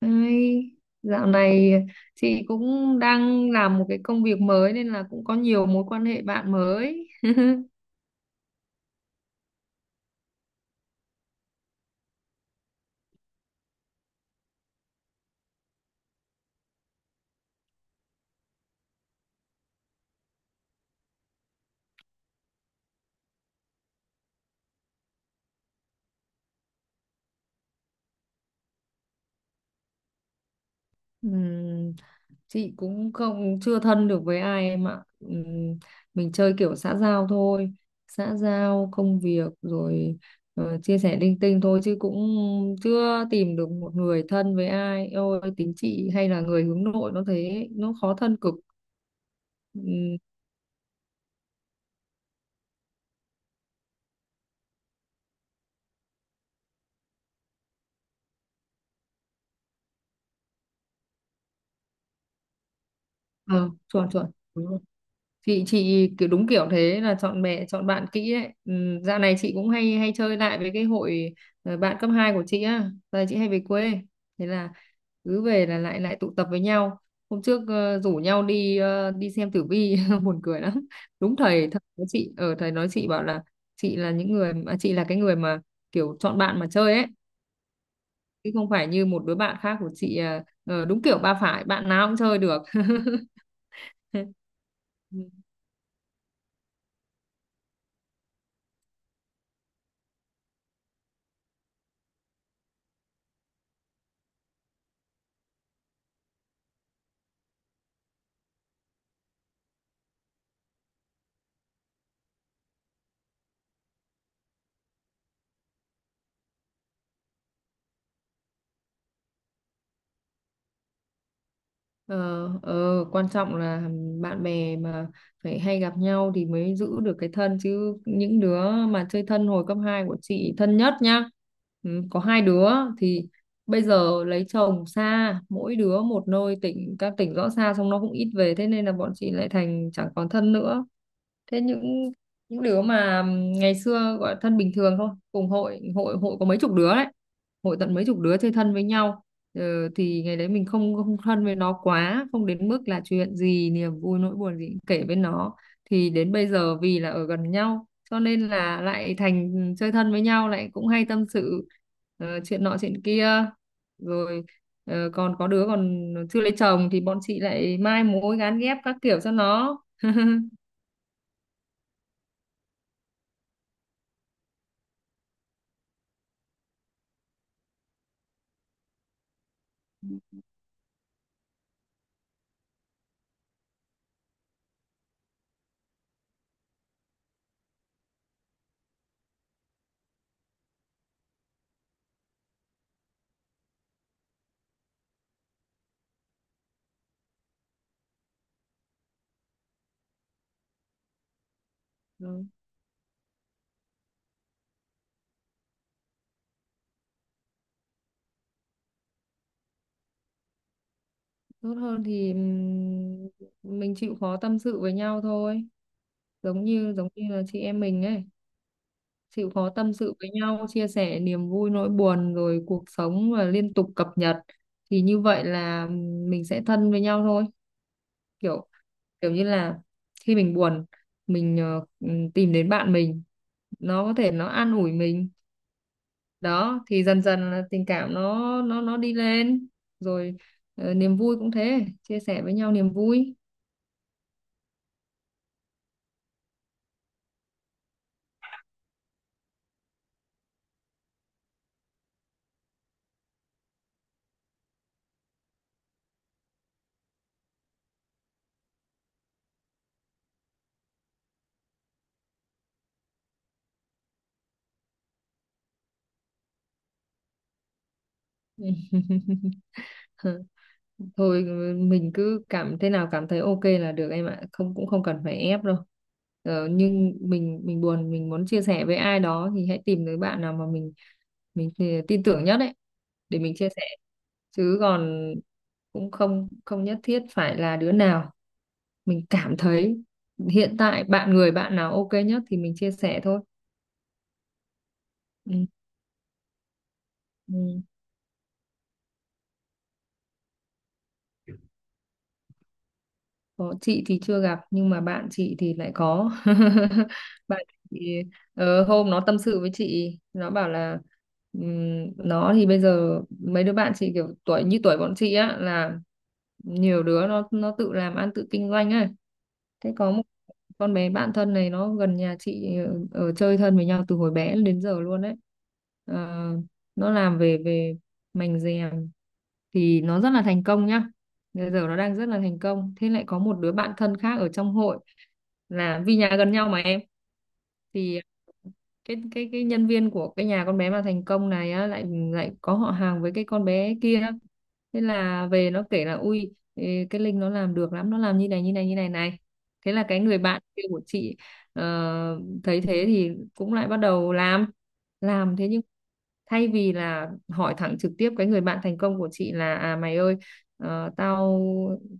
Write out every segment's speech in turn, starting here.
Đấy, dạo này chị cũng đang làm một cái công việc mới nên là cũng có nhiều mối quan hệ bạn mới. Ừm, chị cũng không chưa thân được với ai em ạ. Mình chơi kiểu xã giao thôi, xã giao công việc rồi, chia sẻ linh tinh thôi chứ cũng chưa tìm được một người thân với ai. Ôi, tính chị hay là người hướng nội nó thế, nó khó thân cực. Ừm, ờ, Chuẩn chuẩn. Chị kiểu đúng kiểu thế là chọn bè chọn bạn kỹ ấy. Ừ, dạo này chị cũng hay hay chơi lại với cái hội, bạn cấp 2 của chị á. Giờ chị hay về quê, thế là cứ về là lại lại tụ tập với nhau. Hôm trước rủ nhau đi, đi xem tử vi buồn cười lắm. Đúng thầy thầy nói chị ở, thầy nói chị bảo là chị là chị là cái người mà kiểu chọn bạn mà chơi ấy, chứ không phải như một đứa bạn khác của chị, đúng kiểu ba phải bạn nào cũng chơi được. Ờ, ờ, quan trọng là bạn bè mà phải hay gặp nhau thì mới giữ được cái thân, chứ những đứa mà chơi thân hồi cấp 2 của chị thân nhất nhá, ừ, có hai đứa thì bây giờ lấy chồng xa, mỗi đứa một nơi tỉnh, các tỉnh rõ xa, xong nó cũng ít về, thế nên là bọn chị lại thành chẳng còn thân nữa. Thế những đứa mà ngày xưa gọi là thân bình thường thôi, cùng hội, hội hội có mấy chục đứa đấy, hội tận mấy chục đứa chơi thân với nhau, ờ, thì ngày đấy mình không không thân với nó quá, không đến mức là chuyện gì niềm vui nỗi buồn gì cũng kể với nó, thì đến bây giờ vì là ở gần nhau cho nên là lại thành chơi thân với nhau lại, cũng hay tâm sự chuyện nọ chuyện kia, rồi còn có đứa còn chưa lấy chồng thì bọn chị lại mai mối gán ghép các kiểu cho nó. Ừ. Tốt hơn thì mình chịu khó tâm sự với nhau thôi, giống như là chị em mình ấy, chịu khó tâm sự với nhau, chia sẻ niềm vui nỗi buồn rồi cuộc sống và liên tục cập nhật, thì như vậy là mình sẽ thân với nhau thôi. Kiểu kiểu như là khi mình buồn mình tìm đến bạn mình, nó có thể nó an ủi mình, đó thì dần dần là tình cảm nó đi lên. Rồi niềm vui cũng thế, chia sẻ với nhau niềm vui. Thôi mình cứ cảm thế nào cảm thấy ok là được em ạ, không cũng không cần phải ép đâu. Nhưng mình buồn mình muốn chia sẻ với ai đó thì hãy tìm tới bạn nào mà mình thì tin tưởng nhất đấy, để mình chia sẻ, chứ còn cũng không không nhất thiết phải là đứa nào mình cảm thấy hiện tại, người bạn nào ok nhất thì mình chia sẻ thôi. Ừ. Ừ. Có, chị thì chưa gặp nhưng mà bạn chị thì lại có. Bạn chị hôm nó tâm sự với chị nó bảo là nó thì bây giờ mấy đứa bạn chị kiểu tuổi như tuổi bọn chị á, là nhiều đứa nó tự làm ăn tự kinh doanh ấy. Thế có một con bé bạn thân này, nó gần nhà chị, ở chơi thân với nhau từ hồi bé đến giờ luôn đấy. Ờ, nó làm về về mành rèm, thì nó rất là thành công nhá, bây giờ nó đang rất là thành công. Thế lại có một đứa bạn thân khác ở trong hội, là vì nhà gần nhau mà em, thì cái nhân viên của cái nhà con bé mà thành công này á, lại lại có họ hàng với cái con bé kia. Thế là về nó kể là, ui ê, cái Linh nó làm được lắm, nó làm như này như này như này này. Thế là cái người bạn kia của chị ờ, thấy thế thì cũng lại bắt đầu làm thế, nhưng thay vì là hỏi thẳng trực tiếp cái người bạn thành công của chị là, à mày ơi, Ờ, tao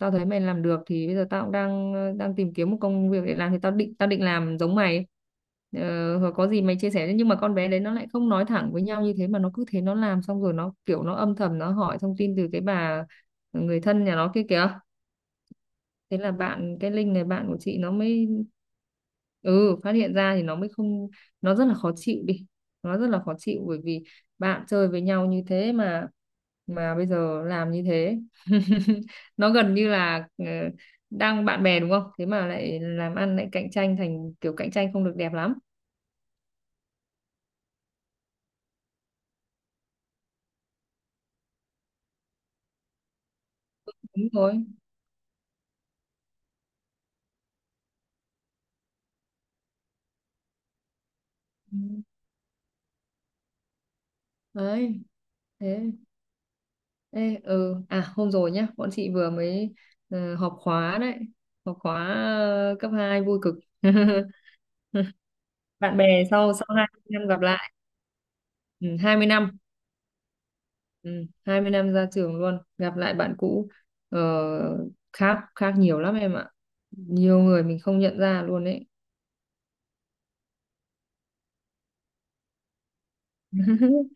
tao thấy mày làm được thì bây giờ tao cũng đang đang tìm kiếm một công việc để làm, thì tao định làm giống mày, hoặc có gì mày chia sẻ. Nhưng mà con bé đấy nó lại không nói thẳng với nhau như thế, mà nó cứ thế nó làm, xong rồi nó kiểu nó âm thầm nó hỏi thông tin từ cái bà người thân nhà nó kia kìa. Thế là bạn cái link này, bạn của chị nó mới, ừ phát hiện ra, thì nó mới không, nó rất là khó chịu đi, nó rất là khó chịu bởi vì bạn chơi với nhau như thế, mà bây giờ làm như thế. Nó gần như là đang bạn bè đúng không, thế mà lại làm ăn, lại cạnh tranh, thành kiểu cạnh tranh không được đẹp lắm. Đúng rồi. Ừ. Đấy. Thế ê, ừ à, hôm rồi nhá, bọn chị vừa mới họp khóa đấy, họp khóa cấp hai, vui cực. Bạn bè sau, 20 năm gặp lại. Ừ, 20 năm. Ừ, 20 năm ra trường luôn, gặp lại bạn cũ, ờ, khác khác nhiều lắm em ạ, nhiều người mình không nhận ra luôn đấy.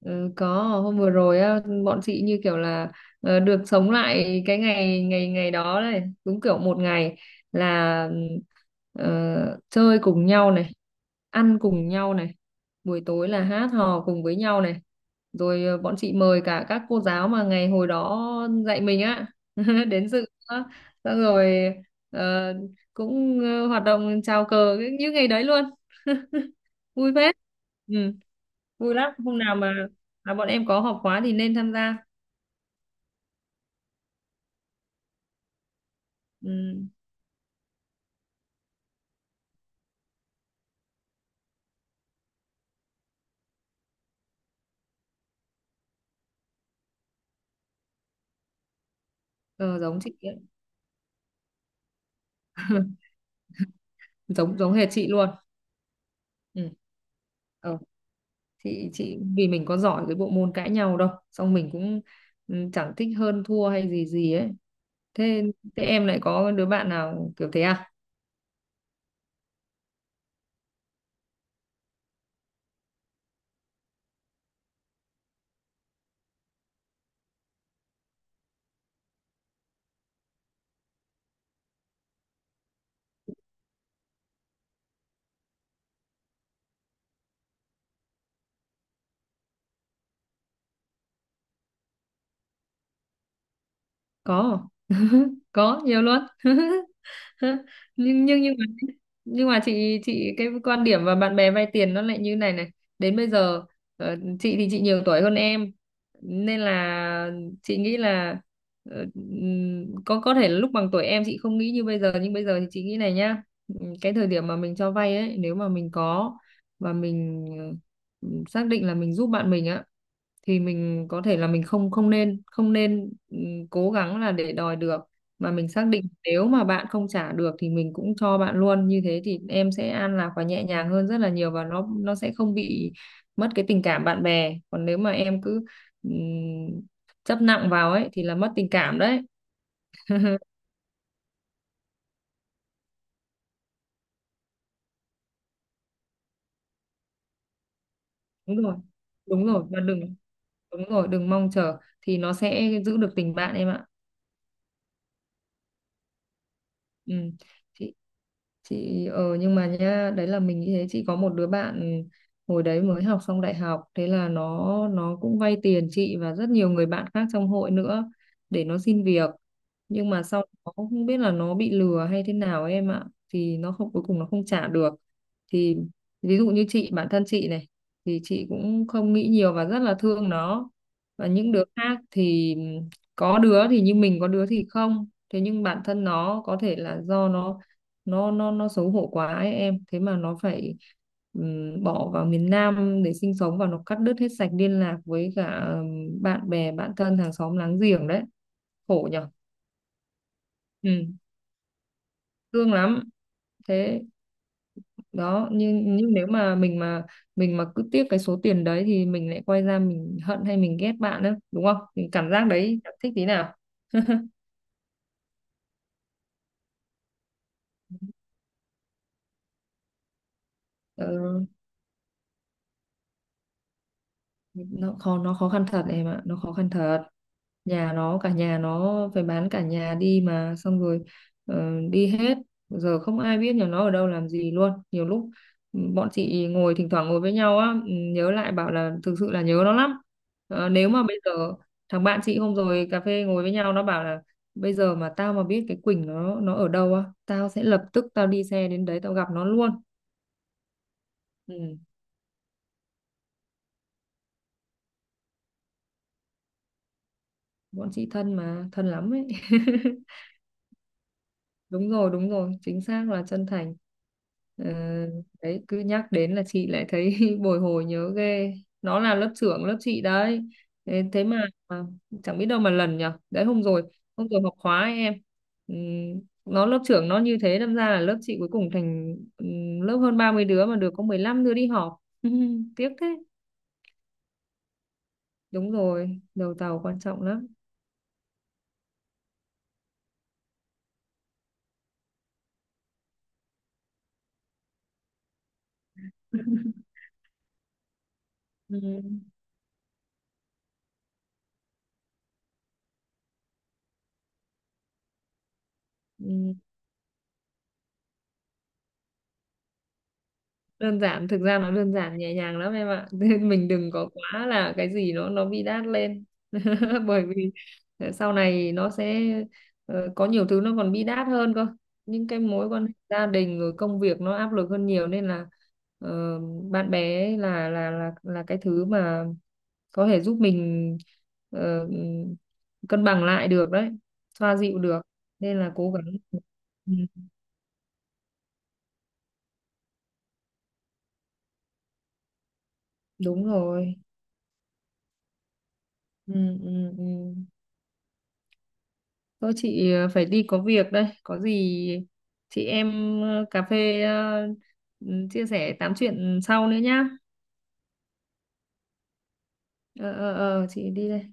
Ừ, có hôm vừa rồi á, bọn chị như kiểu là được sống lại cái ngày ngày ngày đó này, đúng kiểu một ngày là, chơi cùng nhau này, ăn cùng nhau này, buổi tối là hát hò cùng với nhau này, rồi bọn chị mời cả các cô giáo mà ngày hồi đó dạy mình á đến dự nữa. Xong rồi ờ, cũng hoạt động chào cờ như ngày đấy luôn. Vui phết. Ừ, vui lắm, hôm nào mà bọn em có họp khóa thì nên tham gia. Ừ. ờ, Giống chị ấy, giống giống hệt chị luôn. Ừ. Ờ. Chị vì mình có giỏi cái bộ môn cãi nhau đâu, xong mình cũng, ừ, chẳng thích hơn thua hay gì gì ấy. Thế thế em lại có đứa bạn nào kiểu thế à? Có, có nhiều luôn. nhưng nhưng nhưng mà nhưng mà chị cái quan điểm và bạn bè vay tiền nó lại như này này. Đến bây giờ chị thì chị nhiều tuổi hơn em, nên là chị nghĩ là, có thể là lúc bằng tuổi em chị không nghĩ như bây giờ, nhưng bây giờ thì chị nghĩ này nhá. Cái thời điểm mà mình cho vay ấy, nếu mà mình có và mình, xác định là mình giúp bạn mình á, thì mình có thể là mình không không nên không nên cố gắng là để đòi được, mà mình xác định nếu mà bạn không trả được thì mình cũng cho bạn luôn. Như thế thì em sẽ an lạc và nhẹ nhàng hơn rất là nhiều, và nó sẽ không bị mất cái tình cảm bạn bè. Còn nếu mà em cứ ừm, chấp nặng vào ấy thì là mất tình cảm đấy. Đúng rồi, đúng rồi, và đừng, đúng rồi, đừng mong chờ, thì nó sẽ giữ được tình bạn em ạ. Ừ. chị chị nhưng mà nhá, đấy là mình như thế. Chị có một đứa bạn hồi đấy mới học xong đại học, thế là nó cũng vay tiền chị và rất nhiều người bạn khác trong hội nữa để nó xin việc, nhưng mà sau đó không biết là nó bị lừa hay thế nào em ạ, thì nó không, cuối cùng nó không trả được. Thì ví dụ như chị, bản thân chị này thì chị cũng không nghĩ nhiều và rất là thương nó. Và những đứa khác thì có đứa thì như mình, có đứa thì không. Thế nhưng bản thân nó có thể là do nó xấu hổ quá ấy em, thế mà nó phải bỏ vào miền Nam để sinh sống và nó cắt đứt hết sạch liên lạc với cả, bạn bè, bạn thân, hàng xóm láng giềng đấy. Khổ nhở. Ừ, thương lắm. Thế đó, nhưng nếu mà mình mà cứ tiếc cái số tiền đấy thì mình lại quay ra mình hận hay mình ghét bạn đó đúng không, mình cảm giác đấy chẳng thích tí nào. Ừ. Nó khó khăn thật em ạ, nó khó khăn thật. Nhà nó, cả nhà nó phải bán cả nhà đi mà, xong rồi đi hết, giờ không ai biết nhà nó ở đâu làm gì luôn. Nhiều lúc, bọn chị ngồi thỉnh thoảng ngồi với nhau á, nhớ lại bảo là thực sự là nhớ nó lắm. Ờ, nếu mà bây giờ thằng bạn chị hôm rồi cà phê ngồi với nhau nó bảo là, bây giờ mà tao mà biết cái Quỳnh nó ở đâu á, tao sẽ lập tức tao đi xe đến đấy tao gặp nó luôn. Ừ, bọn chị thân mà thân lắm ấy. Đúng rồi, đúng rồi, chính xác là chân thành. Ờ, đấy cứ nhắc đến là chị lại thấy bồi hồi nhớ ghê. Nó là lớp trưởng lớp chị đấy. Thế mà chẳng biết đâu mà lần nhở. Đấy hôm rồi, học khóa ấy em, nó lớp trưởng nó như thế đâm ra là lớp chị cuối cùng thành, lớp hơn 30 đứa mà được có 15 đứa đi họp. Tiếc thế. Đúng rồi, đầu tàu quan trọng lắm. Ừm, ừm. Đơn giản, thực ra nó đơn giản nhẹ nhàng lắm em ạ, nên mình đừng có quá là cái gì nó bi đát lên. Bởi vì sau này nó sẽ có nhiều thứ nó còn bi đát hơn cơ, những cái mối quan hệ gia đình rồi công việc nó áp lực hơn nhiều, nên là ờ, bạn bè ấy là cái thứ mà có thể giúp mình ờ, cân bằng lại được đấy, xoa dịu được, nên là cố gắng. ừ, Đúng rồi, ừ, ừ, ừ. Thôi chị phải đi có việc đây. Có gì chị em cà phê, chia sẻ tám chuyện sau nữa nhá. Ờ ờ ờ, chị đi đây.